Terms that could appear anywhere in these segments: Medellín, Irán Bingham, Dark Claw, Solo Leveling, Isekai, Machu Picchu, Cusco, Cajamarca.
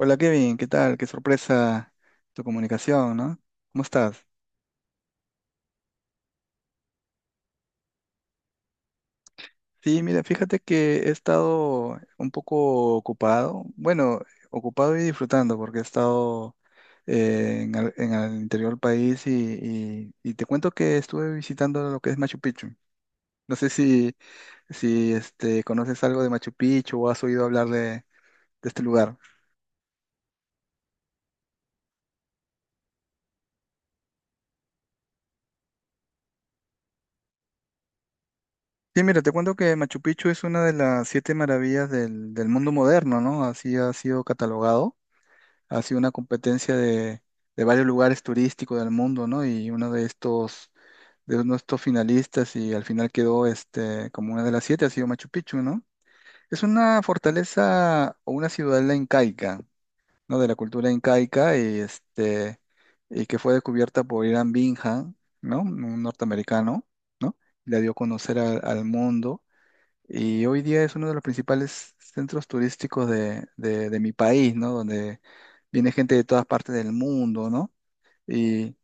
Hola Kevin, ¿qué tal? Qué sorpresa tu comunicación, ¿no? ¿Cómo estás? Sí, mira, fíjate que he estado un poco ocupado, bueno, ocupado y disfrutando porque he estado en el interior del país y te cuento que estuve visitando lo que es Machu Picchu. No sé si, si este, ¿Conoces algo de Machu Picchu o has oído hablar de este lugar? Sí, mira, te cuento que Machu Picchu es una de las siete maravillas del mundo moderno, ¿no? Así ha sido catalogado, ha sido una competencia de varios lugares turísticos del mundo, ¿no? Y uno de estos, de uno de estos finalistas, y al final quedó este, como una de las siete, ha sido Machu Picchu, ¿no? Es una fortaleza o una ciudadela incaica, ¿no? De la cultura incaica y, este, y que fue descubierta por Irán Bingham, ¿no? Un norteamericano, ¿no? La dio a conocer al mundo, y hoy día es uno de los principales centros turísticos de mi país, ¿no? Donde viene gente de todas partes del mundo, ¿no? Y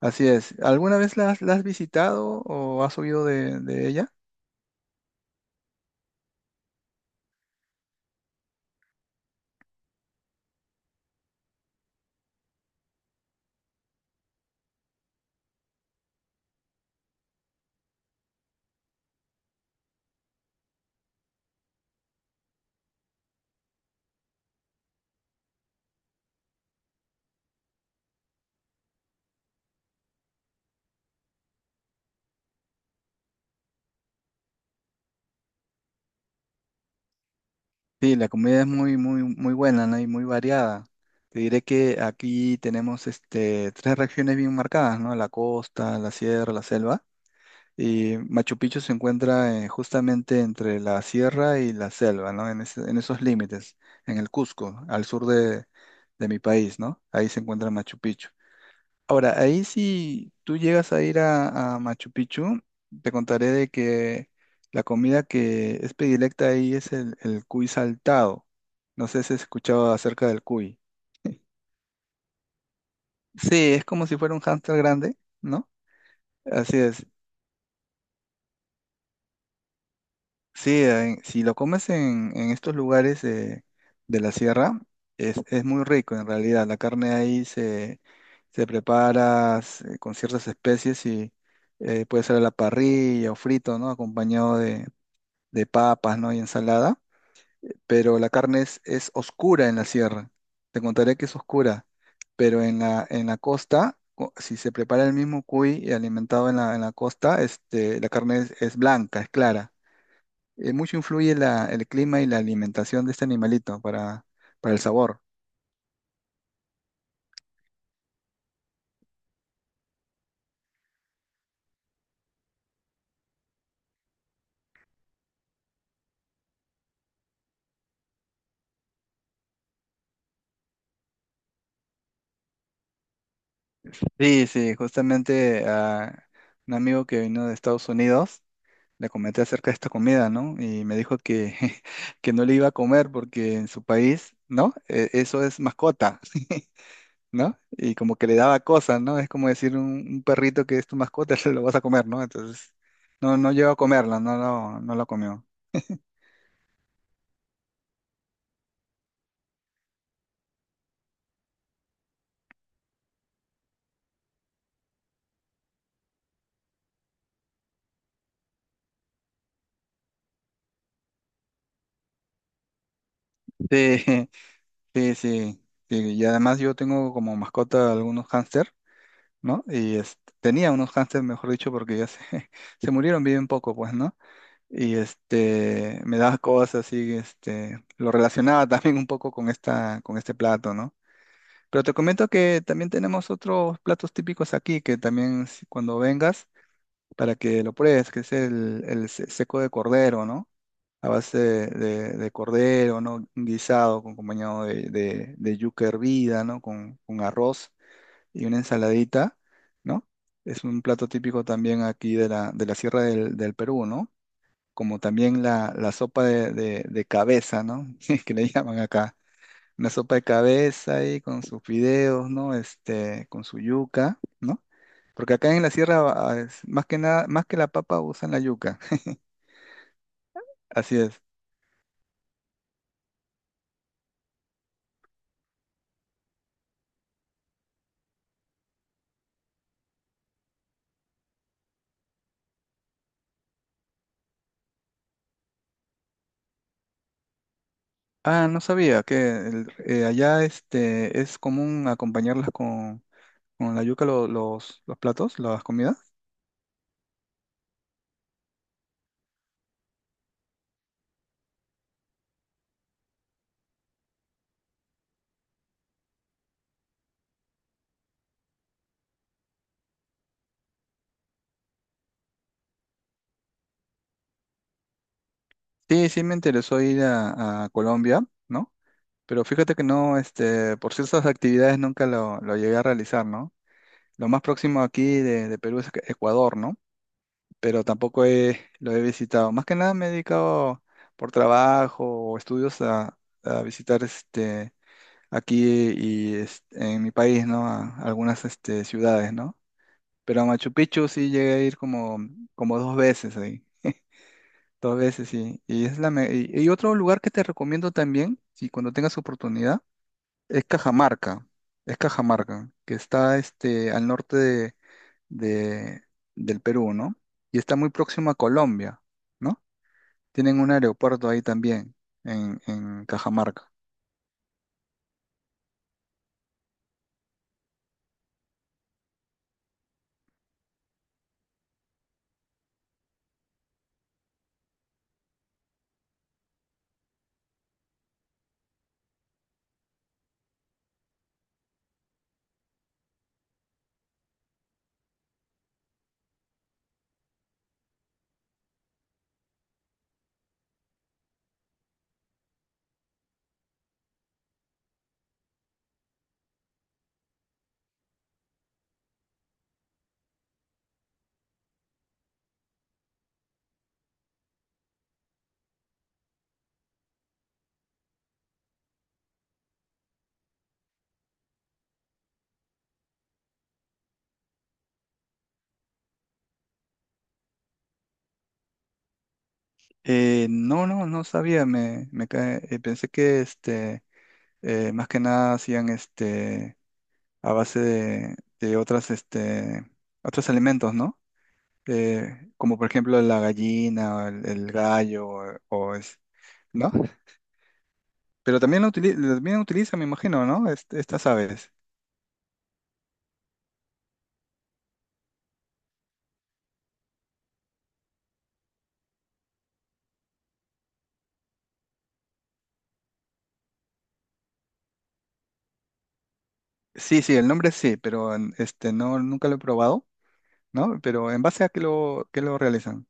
así es. ¿Alguna vez la has visitado o has oído de ella? Sí, la comida es muy, muy, muy buena, ¿no? Y muy variada. Te diré que aquí tenemos este, tres regiones bien marcadas, ¿no? La costa, la sierra, la selva. Y Machu Picchu se encuentra justamente entre la sierra y la selva, ¿no? En esos límites, en el Cusco, al sur de mi país, ¿no? Ahí se encuentra Machu Picchu. Ahora, ahí si tú llegas a ir a Machu Picchu, te contaré de que la comida que es predilecta ahí es el cuy saltado. No sé si has escuchado acerca del cuy. Sí, es como si fuera un hámster grande, ¿no? Así es. Sí, si lo comes en estos lugares de la sierra, es muy rico en realidad. La carne ahí se, se prepara con ciertas especies y puede ser a la parrilla o frito, ¿no? Acompañado de papas, ¿no? Y ensalada. Pero la carne es oscura en la sierra. Te contaré que es oscura. Pero en la costa, si se prepara el mismo cuy y alimentado en la costa, este, la carne es blanca, es clara, mucho influye el clima y la alimentación de este animalito para el sabor. Sí, sí, justamente a un amigo que vino de Estados Unidos le comenté acerca de esta comida, ¿no? Y me dijo que, que no le iba a comer porque en su país, ¿no? Eso es mascota, ¿no? Y como que le daba cosas, ¿no? Es como decir un perrito que es tu mascota, se lo vas a comer, ¿no? Entonces, no, no llegó a comerla, no, no, no la comió. Sí, sí, sí, sí, y además yo tengo como mascota algunos hámster, ¿no? Tenía unos hámster, mejor dicho, porque ya se, se murieron bien poco, pues, ¿no? Y este, me daba cosas así, este, lo relacionaba también un poco con esta, con este plato, ¿no? Pero te comento que también tenemos otros platos típicos aquí, que también cuando vengas, para que lo pruebes, que es seco de cordero, ¿no? A base de cordero, ¿no? Un guisado con acompañado de yuca hervida, ¿no? Con arroz y una ensaladita, ¿no? Es un plato típico también aquí de la Sierra del Perú, ¿no? Como también la sopa de cabeza, ¿no? Que le llaman acá. Una sopa de cabeza ahí con sus fideos, ¿no? Este, con su yuca, ¿no? Porque acá en la sierra, ah, más que nada, más que la papa usan la yuca. Así es. Ah, no sabía que allá este, es común acompañarlas con la yuca los platos, las comidas. Sí, sí me interesó ir a Colombia, ¿no? Pero fíjate que no, este, por ciertas actividades nunca lo llegué a realizar, ¿no? Lo más próximo aquí de Perú es Ecuador, ¿no? Pero tampoco lo he visitado. Más que nada me he dedicado por trabajo o estudios a visitar este, aquí y este, en mi país, ¿no? A algunas este, ciudades, ¿no? Pero a Machu Picchu sí llegué a ir como, como dos veces ahí. Dos veces, sí. Y es y otro lugar que te recomiendo también, si cuando tengas oportunidad, es Cajamarca. Es Cajamarca, que está este, al norte de- del Perú, ¿no? Y está muy próximo a Colombia, ¿no? Tienen un aeropuerto ahí también, en Cajamarca. No, no, no sabía, pensé que este, más que nada hacían este a base de otras, este, otros alimentos, ¿no? Como por ejemplo la gallina, el gallo, ¿no? Pero también también utilizan, me imagino, ¿no? Estas aves. Sí, sí, el nombre sí, pero este, no, nunca lo he probado, ¿no? Pero ¿en base a qué qué lo realizan?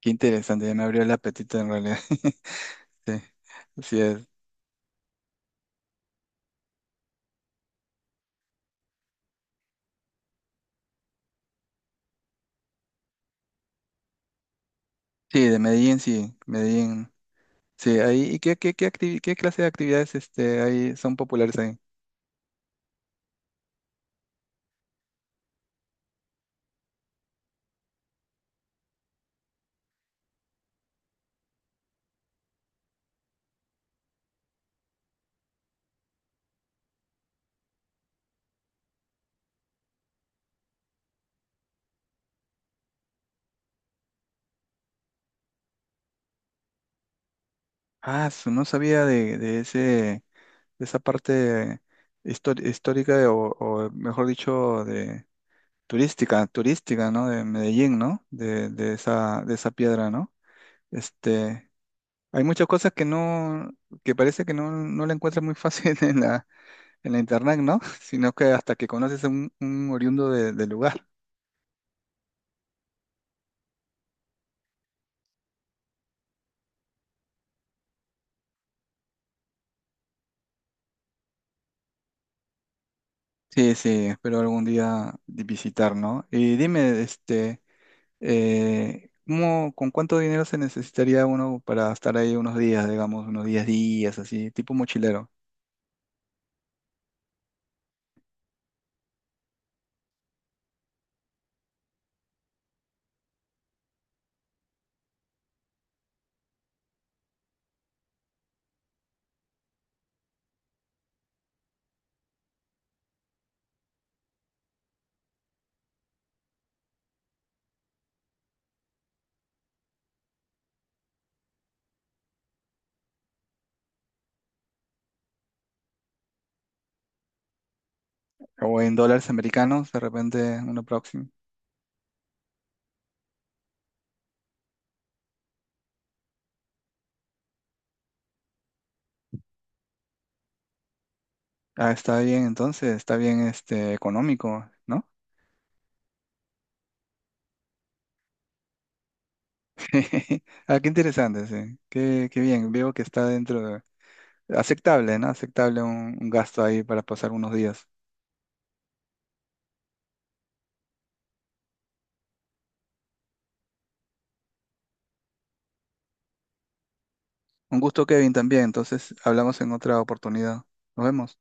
Qué interesante, ya me abrió el apetito en realidad. Sí, así es. Sí, de Medellín. Sí, ahí, ¿y qué clase de actividades este, ahí son populares ahí? Ah, no sabía de esa parte histórica o, mejor dicho, de turística, turística, ¿no? De Medellín, ¿no? De esa, de esa piedra, ¿no? Este, hay muchas cosas que no, que parece que no, no la encuentras muy fácil en la internet, ¿no? Sino que hasta que conoces a un oriundo del lugar. Sí, sí, espero algún día visitar, ¿no? Y dime, este. ¿Con cuánto dinero se necesitaría uno para estar ahí unos días, digamos, unos 10 días, así, tipo mochilero? O en dólares americanos, de repente, uno próximo. Ah, está bien, entonces, está bien este, económico, ¿no? Ah, qué interesante, sí. Qué, qué bien, veo que está dentro de... Aceptable, ¿no? Aceptable un gasto ahí para pasar unos días. Un gusto, Kevin, también. Entonces, hablamos en otra oportunidad. Nos vemos.